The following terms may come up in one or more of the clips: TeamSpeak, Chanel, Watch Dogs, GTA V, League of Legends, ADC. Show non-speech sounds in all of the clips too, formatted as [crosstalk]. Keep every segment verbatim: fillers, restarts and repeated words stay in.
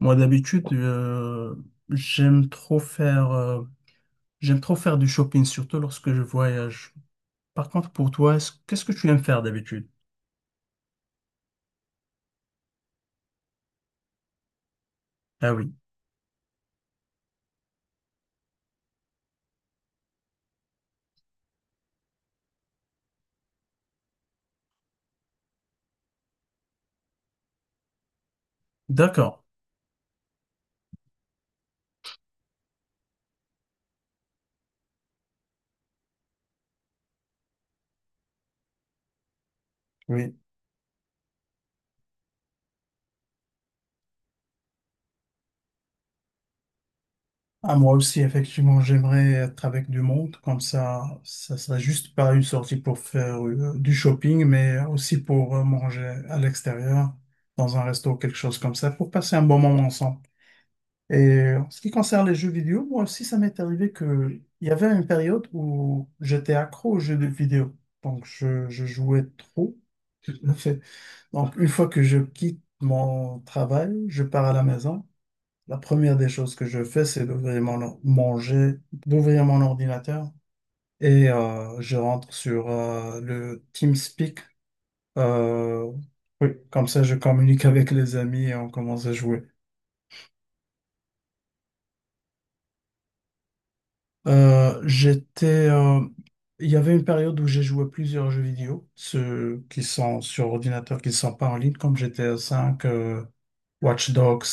Moi, d'habitude, euh, j'aime trop faire, euh, j'aime trop faire du shopping, surtout lorsque je voyage. Par contre, pour toi, est-ce- qu'est-ce que tu aimes faire d'habitude? Ah oui, d'accord. Oui. Ah, moi aussi, effectivement, j'aimerais être avec du monde, comme ça, ça sera juste pas une sortie pour faire euh, du shopping, mais aussi pour euh, manger à l'extérieur, dans un resto, quelque chose comme ça, pour passer un bon moment ensemble. Et en ce qui concerne les jeux vidéo, moi aussi, ça m'est arrivé que il y avait une période où j'étais accro aux jeux de vidéo. Donc, je, je jouais trop. [laughs] En fait, donc, une fois que je quitte mon travail, je pars à la maison. La première des choses que je fais, c'est d'ouvrir mon, or- mon jet- d'ouvrir mon ordinateur et euh, je rentre sur euh, le TeamSpeak. Euh, oui, comme ça, je communique avec les amis et on commence à jouer. Euh, j'étais, euh, il y avait une période où j'ai joué plusieurs jeux vidéo, ceux qui sont sur ordinateur, qui ne sont pas en ligne, comme G T A V, euh, Watch Dogs.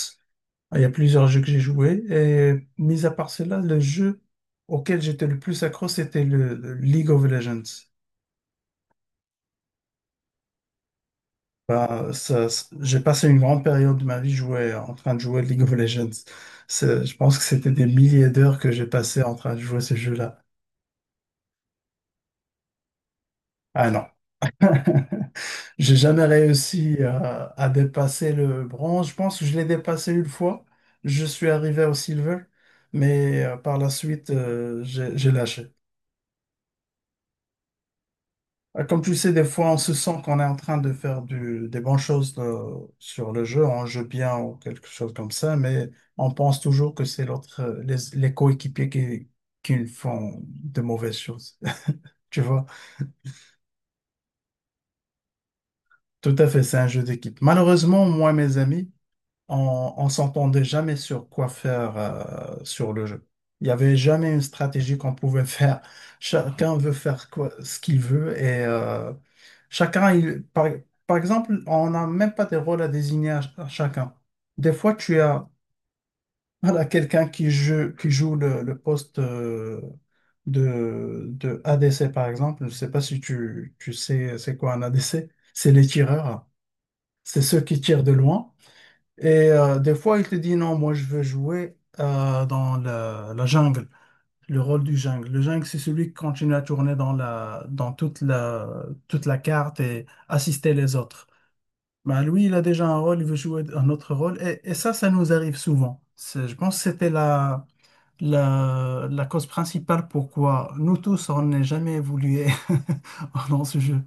Il y a plusieurs jeux que j'ai joués. Et mis à part cela, le jeu auquel j'étais le plus accro, c'était le, le League of Legends. Bah, ça- ça- j'ai passé une grande période de ma vie jouer, en train de jouer League of Legends. C'est- Je pense que c'était des milliers d'heures que j'ai passé en train de jouer ce jeu-là. Ah non. [laughs] J'ai jamais réussi à, à dépasser le bronze. Je pense que je l'ai dépassé une fois. Je suis arrivé au silver, mais euh, par la suite, euh, j'ai j'ai lâché. Euh, Comme tu sais, des fois, on se sent qu'on est en train de faire du- des bonnes choses euh, sur le jeu, on joue bien ou quelque chose comme ça, mais on pense toujours que c'est l'autre, euh, les, les coéquipiers qui, qui nous font de mauvaises choses. [laughs] Tu vois, tout à fait, c'est un jeu d'équipe. Malheureusement, moi, mes amis, on, on s'entendait jamais sur quoi faire euh, sur le jeu. Il n'y avait jamais une stratégie qu'on pouvait [laughs] faire. Chacun veut faire quoi, ce qu'il veut et euh, chacun, il, par, par exemple, on n'a même pas des rôles à désigner à, à chacun. Des fois, tu as voilà, quelqu'un qui joue, qui joue le, le poste euh, de, de A D C, par exemple. Je ne sais pas si tu, tu sais c'est quoi un A D C. C'est les tireurs. C'est ceux qui tirent de loin. Et euh, des fois, il te dit non, moi je veux jouer euh, dans la, la jungle, le rôle du jungle. Le jungle, c'est celui qui continue à tourner dans la, dans toute la, toute la carte et assister les autres. Mais lui, il a déjà un rôle, il veut jouer un autre rôle. Et, et ça, ça nous arrive souvent. C'est- Je pense que c'était la, la, la cause principale pourquoi nous tous, on n'est jamais évolué [laughs] dans ce jeu.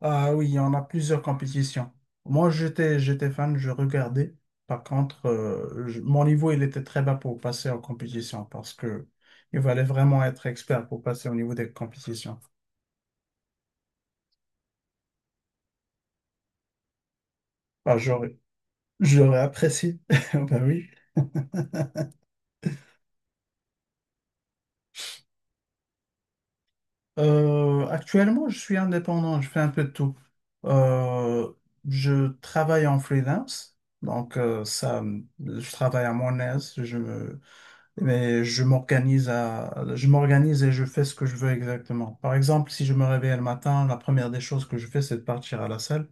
Ah oui, il y en a plusieurs compétitions. Moi, j'étais, j'étais fan, je regardais. Par contre, euh, je- mon niveau, il était très bas pour passer en compétition parce que il fallait vraiment être expert pour passer au niveau des compétitions. Bah, j'aurais, j'aurais apprécié. [laughs] Bah oui. Euh, actuellement, je suis indépendant, je fais un peu de tout. Euh, je travaille en freelance, donc euh, ça, me- je travaille à mon aise. Je me, Mais je m'organise à, je m'organise et je fais ce que je veux exactement. Par exemple, si je me réveille le matin, la première des choses que je fais, c'est de partir à la salle.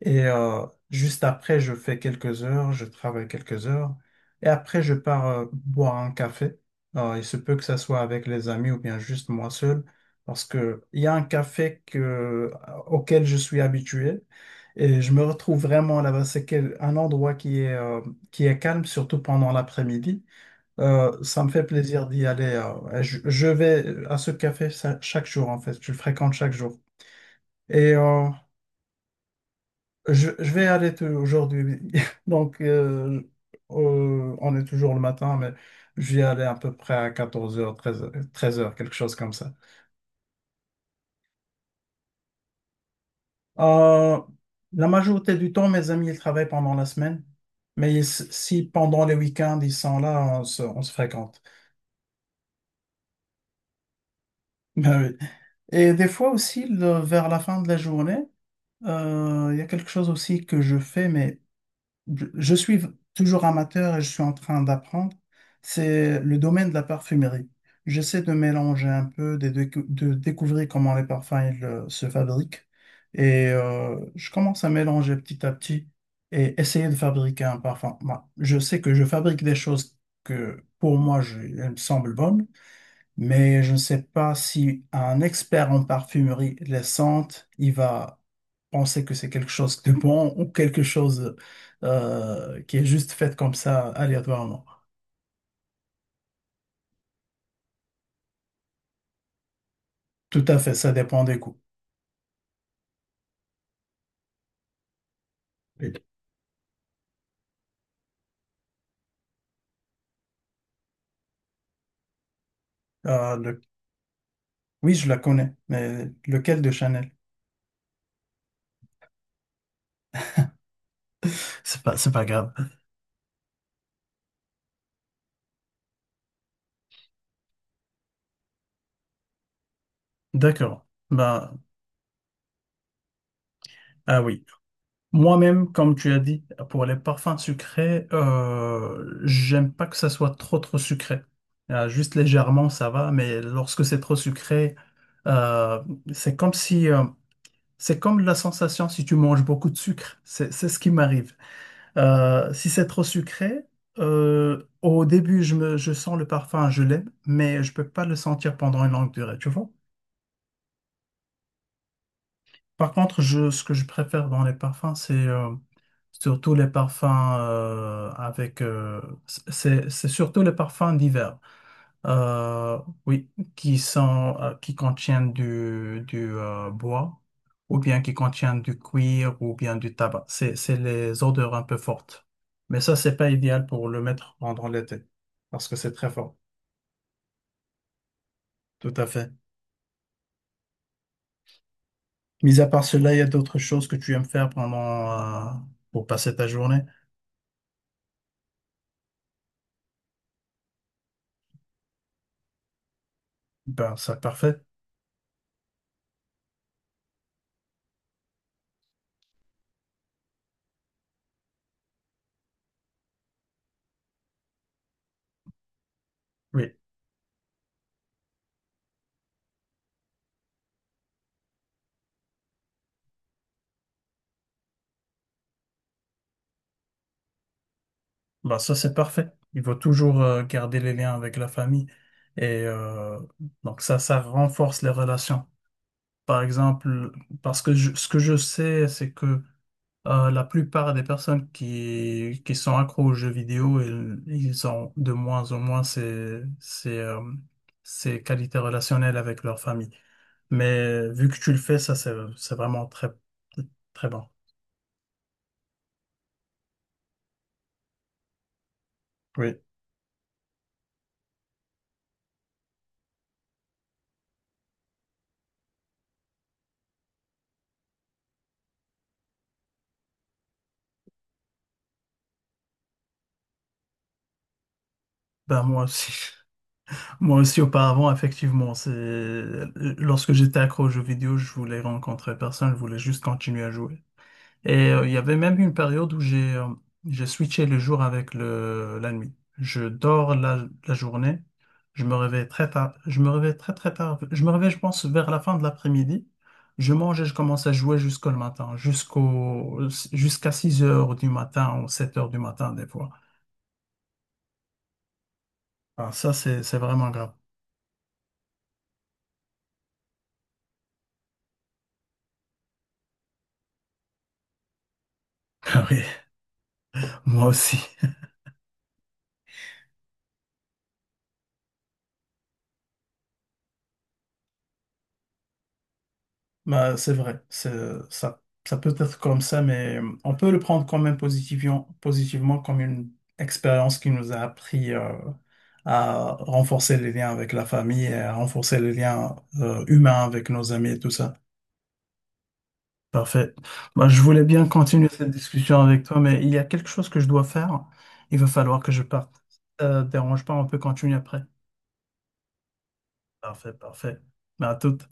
Et euh, juste après, je fais quelques heures, je travaille quelques heures. Et après, je pars euh, boire un café. Euh, il se peut que ça soit avec les amis ou bien juste moi seul, parce que il y a un café que, euh, auquel je suis habitué. Et je me retrouve vraiment là-bas. C'est quel- un endroit qui est, euh, qui est calme, surtout pendant l'après-midi. Euh, ça me fait plaisir d'y aller. Euh, et je, je vais à ce café ça- chaque jour, en fait. Je le fréquente chaque jour. Et euh, je, je vais aller te- aujourd'hui. [laughs] Donc, euh, euh, on est toujours le matin, mais je vais aller à peu près à 14 heures, 13 heures, treize heures, quelque chose comme ça. Euh, la majorité du temps, mes amis, ils travaillent pendant la semaine. Mais ils- si pendant les week-ends, ils sont là, on se, on se fréquente. [laughs] Ben oui. Et des fois aussi, le- vers la fin de la journée, Euh, il y a quelque chose aussi que je fais, mais je, je suis toujours amateur et je suis en train d'apprendre, c'est le domaine de la parfumerie. J'essaie de mélanger un peu, de deux- de, découvrir comment les parfums ils, euh, se fabriquent. Et euh, je commence à mélanger petit à petit et essayer de fabriquer un parfum. Moi, je sais que je fabrique des choses que pour moi, je, elles me semblent bonnes. Mais je ne sais pas si un expert en parfumerie les sente, il va penser que c'est quelque chose de bon ou quelque chose euh, qui est juste fait comme ça aléatoirement. Tout à fait, ça dépend des goûts. Et, euh, le- Oui, je la connais, mais lequel de Chanel? C'est pas, c'est pas grave. D'accord. Ben, ah oui. Moi-même, comme tu as dit, pour les parfums sucrés, euh, j'aime pas que ça soit trop trop sucré. Euh, juste légèrement, ça va, mais lorsque c'est trop sucré, euh, c'est comme si, euh, c'est comme la sensation si tu manges beaucoup de sucre. C'est c'est ce qui m'arrive. Euh, si c'est trop sucré, euh, au début, je me, je sens le parfum, je l'aime, mais je peux pas le sentir pendant une longue durée, tu vois? Par contre, je, ce que je préfère dans les parfums, c'est euh, surtout les parfums euh, avec... euh, c'est c'est surtout les parfums d'hiver. Euh, oui, qui sont, euh, qui contiennent du, du euh, bois ou bien qui contiennent du cuir ou bien du tabac. C'est, c'est les odeurs un peu fortes. Mais ça, c'est pas idéal pour le mettre pendant l'été parce que c'est très fort. Tout à fait. Mis à part cela, il y a d'autres choses que tu aimes faire pendant, euh, pour passer ta journée? Ben, c'est parfait. Oui, ben, ça, c'est parfait. Il faut toujours euh, garder les liens avec la famille. Et euh, donc, ça, ça renforce les relations. Par exemple, parce que je- ce que je sais, c'est que euh, la plupart des personnes qui, qui sont accros aux jeux vidéo, ils, ils ont de moins en moins ces, ces, euh, ces qualités relationnelles avec leur famille. Mais vu que tu le fais, ça, c'est, c'est vraiment très, très bon. Oui. Ben, moi aussi. [laughs] Moi aussi, auparavant, effectivement, c'est lorsque j'étais accro aux jeux vidéo, je voulais rencontrer personne, je voulais juste continuer à jouer. Et euh, il y avait même une période où j'ai euh, j'ai switché le jour avec le la nuit. Je dors la, la journée, je me réveille très tard, je me réveille très très tard, je me réveille, je pense, vers la fin de l'après-midi. Je mange et je commence à jouer jusqu'au matin, jusqu'au jusqu'à six heures du matin ou sept heures du matin des fois. Alors ça, c'est c'est vraiment grave. [laughs] Ah oui, moi aussi. Bah, c'est vrai, c'est, ça, ça peut être comme ça, mais euh, on peut le prendre quand même positivement, positivement comme une expérience qui nous a appris euh, à renforcer les liens avec la famille et à renforcer les liens euh, humains avec nos amis et tout ça. Parfait. Bah, je voulais bien continuer cette discussion avec toi, mais il y a quelque chose que je dois faire. Il va falloir que je parte. Ça te dérange pas, on peut continuer après. Parfait, parfait. Bah, à toute.